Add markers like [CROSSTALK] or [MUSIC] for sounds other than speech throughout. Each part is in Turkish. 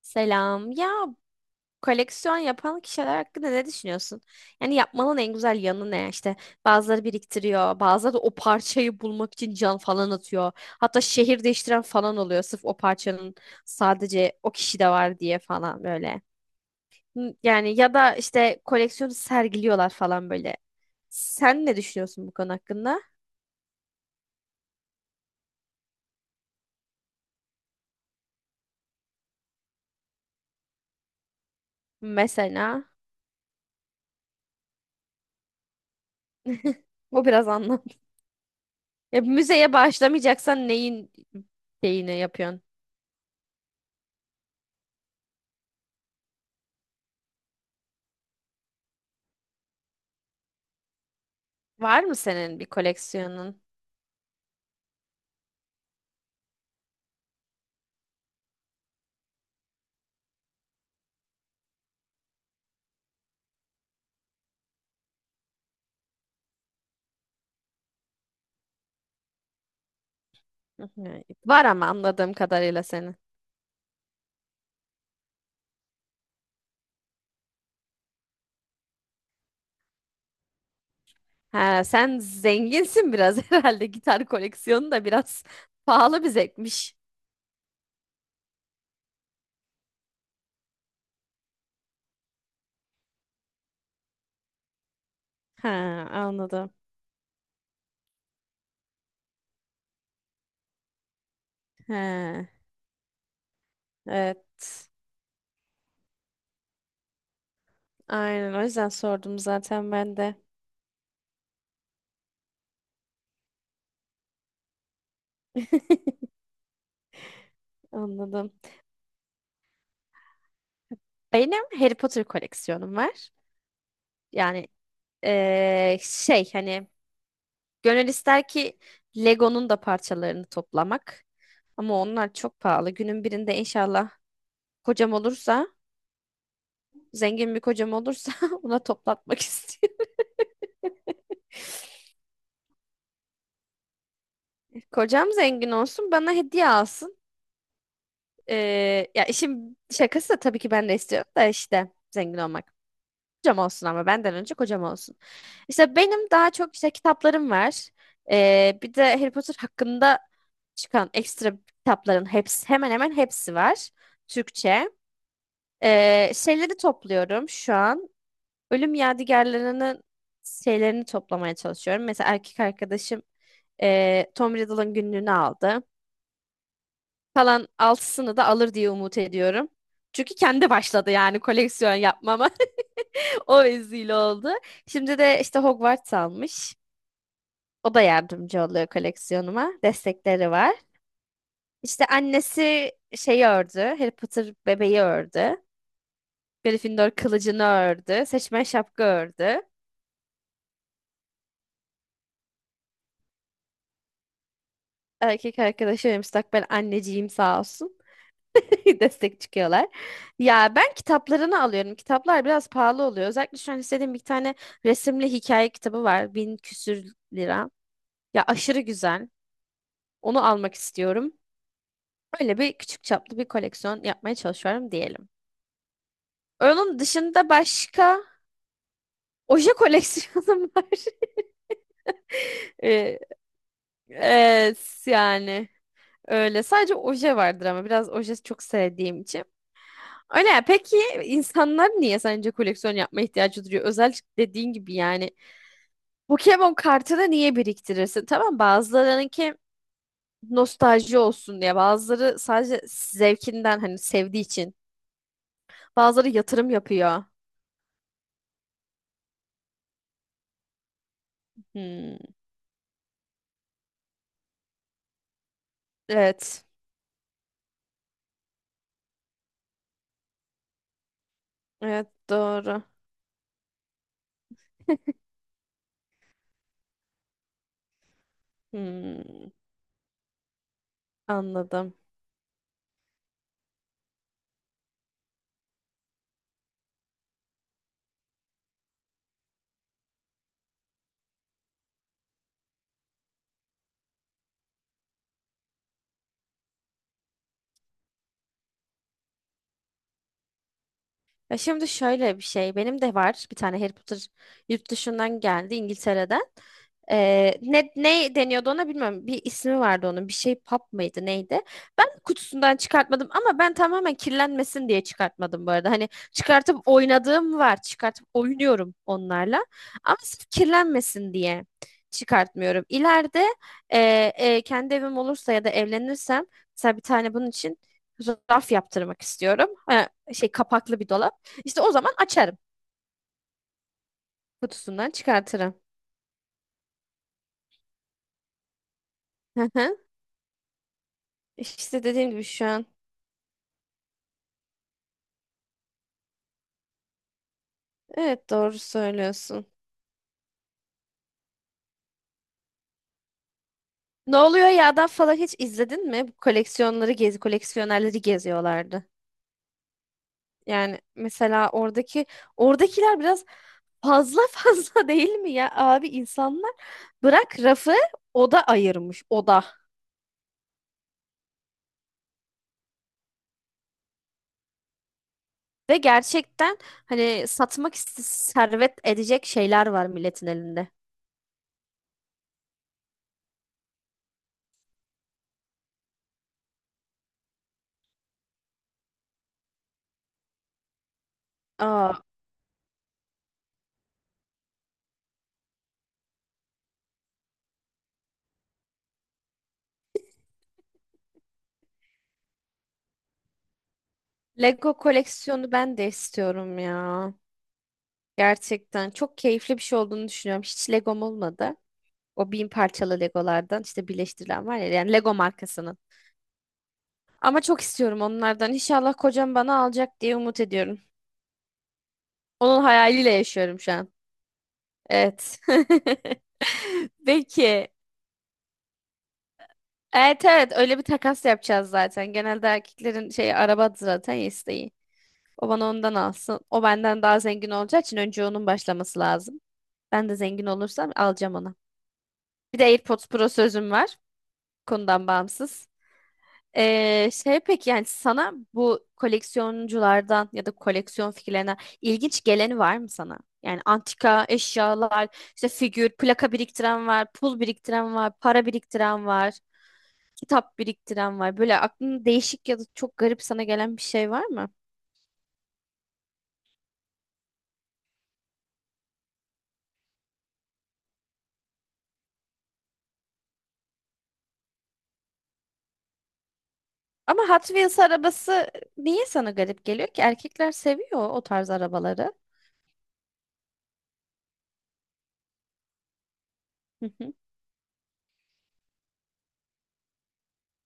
Selam. Ya koleksiyon yapan kişiler hakkında ne düşünüyorsun? Yani yapmanın en güzel yanı ne? İşte bazıları biriktiriyor, bazıları da o parçayı bulmak için can falan atıyor. Hatta şehir değiştiren falan oluyor sırf o parçanın sadece o kişide var diye falan böyle. Hı, yani ya da işte koleksiyonu sergiliyorlar falan böyle. Sen ne düşünüyorsun bu konu hakkında? Mesela [LAUGHS] bu biraz anlam. Ya müzeye bağışlamayacaksan neyin şeyini yapıyorsun? Var mı senin bir koleksiyonun? Hı hı. Var ama anladığım kadarıyla senin. Ha, sen zenginsin biraz [LAUGHS] herhalde. Gitar koleksiyonu da biraz pahalı bir zevkmiş. Ha, anladım. Ha, evet. Aynen o yüzden sordum zaten ben de. [LAUGHS] Anladım. Benim Harry Potter koleksiyonum var. Yani şey hani gönül ister ki Lego'nun da parçalarını toplamak. Ama onlar çok pahalı. Günün birinde inşallah kocam olursa, zengin bir kocam olursa [LAUGHS] ona toplatmak istiyorum. [LAUGHS] Kocam zengin olsun, bana hediye alsın. Ee, ya işin şakası da tabii ki ben de istiyorum da işte zengin olmak. Kocam olsun ama benden önce kocam olsun. İşte benim daha çok işte kitaplarım var. Bir de Harry Potter hakkında çıkan ekstra kitapların hepsi hemen hemen hepsi var. Türkçe. Şeyleri topluyorum şu an. Ölüm yadigarlarının şeylerini toplamaya çalışıyorum. Mesela erkek arkadaşım Tom Riddle'ın günlüğünü aldı. Kalan altısını da alır diye umut ediyorum. Çünkü kendi başladı yani koleksiyon yapmama. [LAUGHS] O vesile oldu. Şimdi de işte Hogwarts almış. O da yardımcı oluyor koleksiyonuma. Destekleri var. İşte annesi şeyi ördü. Harry Potter bebeği ördü. Gryffindor kılıcını ördü. Seçmen şapka ördü. Erkek arkadaşı ve müstakbel anneciğim sağ olsun. [LAUGHS] destek çıkıyorlar. Ya ben kitaplarını alıyorum. Kitaplar biraz pahalı oluyor. Özellikle şu an istediğim bir tane resimli hikaye kitabı var. Bin küsür lira. Ya aşırı güzel. Onu almak istiyorum. Öyle bir küçük çaplı bir koleksiyon yapmaya çalışıyorum diyelim. Onun dışında başka oje koleksiyonum [LAUGHS] var. Ee, evet yani öyle. Sadece oje vardır ama biraz oje çok sevdiğim için. Öyle ya. Peki insanlar niye sence koleksiyon yapma ihtiyacı duyuyor? Özellikle dediğin gibi yani Pokemon kartını niye biriktirirsin? Tamam bazılarınınki nostalji olsun diye. Bazıları sadece zevkinden hani sevdiği için. Bazıları yatırım yapıyor. Hmm, evet. Evet doğru. [LAUGHS] Hmm, anladım. Ya şimdi şöyle bir şey. Benim de var bir tane Harry Potter yurt dışından geldi İngiltere'den. Ne deniyordu ona bilmiyorum. Bir ismi vardı onun. Bir şey pub mıydı neydi? Ben kutusundan çıkartmadım ama ben tamamen kirlenmesin diye çıkartmadım bu arada. Hani çıkartıp oynadığım var. Çıkartıp oynuyorum onlarla. Ama sırf kirlenmesin diye çıkartmıyorum. İleride e, kendi evim olursa ya da evlenirsem mesela bir tane bunun için raf yaptırmak istiyorum. Ha, şey kapaklı bir dolap. İşte o zaman açarım. Kutusundan çıkartırım. Hı hı. İşte dediğim gibi şu an. Evet doğru söylüyorsun. Ne oluyor ya da falan hiç izledin mi? Bu koleksiyonları gezi, koleksiyonerleri geziyorlardı. Yani mesela oradaki oradakiler biraz fazla [LAUGHS] fazla değil mi ya abi insanlar bırak rafı oda ayırmış oda. Ve gerçekten hani satmak iste servet edecek şeyler var milletin elinde. Aa, Lego koleksiyonu ben de istiyorum ya. Gerçekten çok keyifli bir şey olduğunu düşünüyorum. Hiç Legom olmadı. O bin parçalı Legolardan işte birleştirilen var ya yani Lego markasının. Ama çok istiyorum onlardan. İnşallah kocam bana alacak diye umut ediyorum. Onun hayaliyle yaşıyorum şu an. Evet. [LAUGHS] Peki. Evet evet öyle bir takas yapacağız zaten. Genelde erkeklerin şey arabadır zaten isteği. O bana ondan alsın. O benden daha zengin olacağı için önce onun başlaması lazım. Ben de zengin olursam alacağım ona. Bir de AirPods Pro sözüm var. Konudan bağımsız. Şey peki yani sana bu koleksiyonculardan ya da koleksiyon fikirlerine ilginç geleni var mı sana? Yani antika eşyalar, işte figür, plaka biriktiren var, pul biriktiren var, para biriktiren var, kitap biriktiren var. Böyle aklına değişik ya da çok garip sana gelen bir şey var mı? Ama Hot Wheels arabası niye sana garip geliyor ki? Erkekler seviyor o tarz arabaları. Hı hı.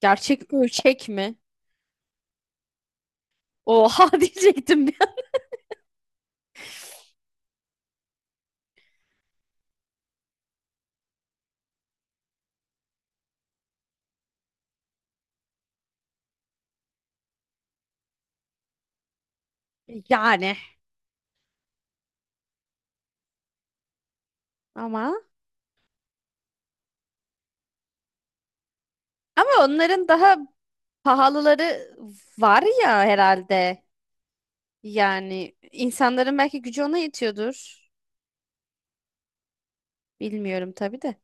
Gerçek ölçek mi? Oha diyecektim bir [LAUGHS] yani ama ama onların daha pahalıları var ya herhalde. Yani insanların belki gücü ona yetiyordur. Bilmiyorum tabii de.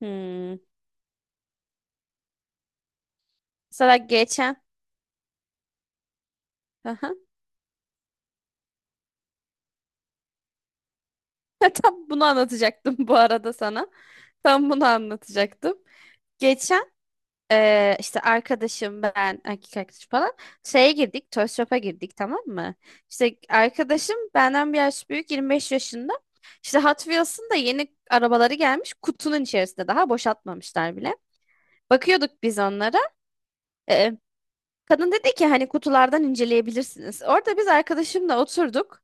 Hmm. Mesela geçen aha. [LAUGHS] Tam bunu anlatacaktım bu arada sana. Tam bunu anlatacaktım. Geçen işte arkadaşım ben erkek arkadaşım falan şeye girdik Toys Shop'a girdik tamam mı? İşte arkadaşım benden bir yaş büyük 25 yaşında. İşte Hot Wheels'ın da yeni arabaları gelmiş kutunun içerisinde daha boşaltmamışlar bile. Bakıyorduk biz onlara. Ee, kadın dedi ki hani kutulardan inceleyebilirsiniz. Orada biz arkadaşımla oturduk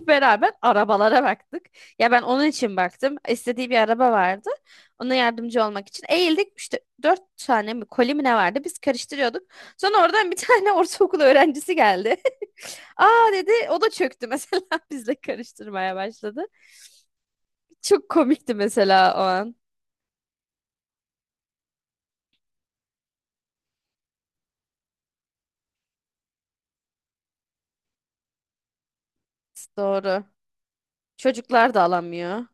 beraber arabalara baktık. Ya ben onun için baktım. İstediği bir araba vardı. Ona yardımcı olmak için eğildik. İşte dört tane mi koli mi ne vardı? Biz karıştırıyorduk. Sonra oradan bir [LAUGHS] tane ortaokul öğrencisi geldi. [LAUGHS] Aa dedi o da çöktü mesela [LAUGHS] bizle karıştırmaya başladı. Çok komikti mesela o an. Doğru. Çocuklar da alamıyor.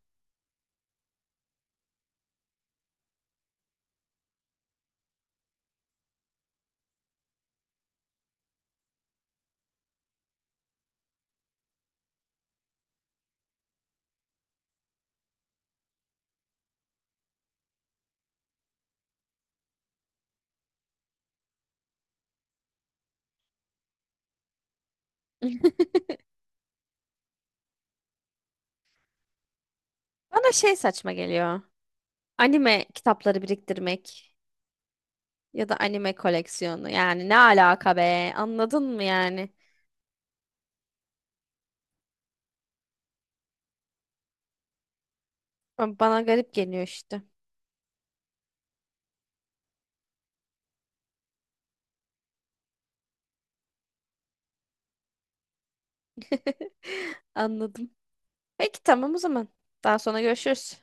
[LAUGHS] Bana şey saçma geliyor. Anime kitapları biriktirmek ya da anime koleksiyonu. Yani ne alaka be? Anladın mı yani? Ama bana garip geliyor işte. [LAUGHS] Anladım. Peki tamam o zaman. Daha sonra görüşürüz.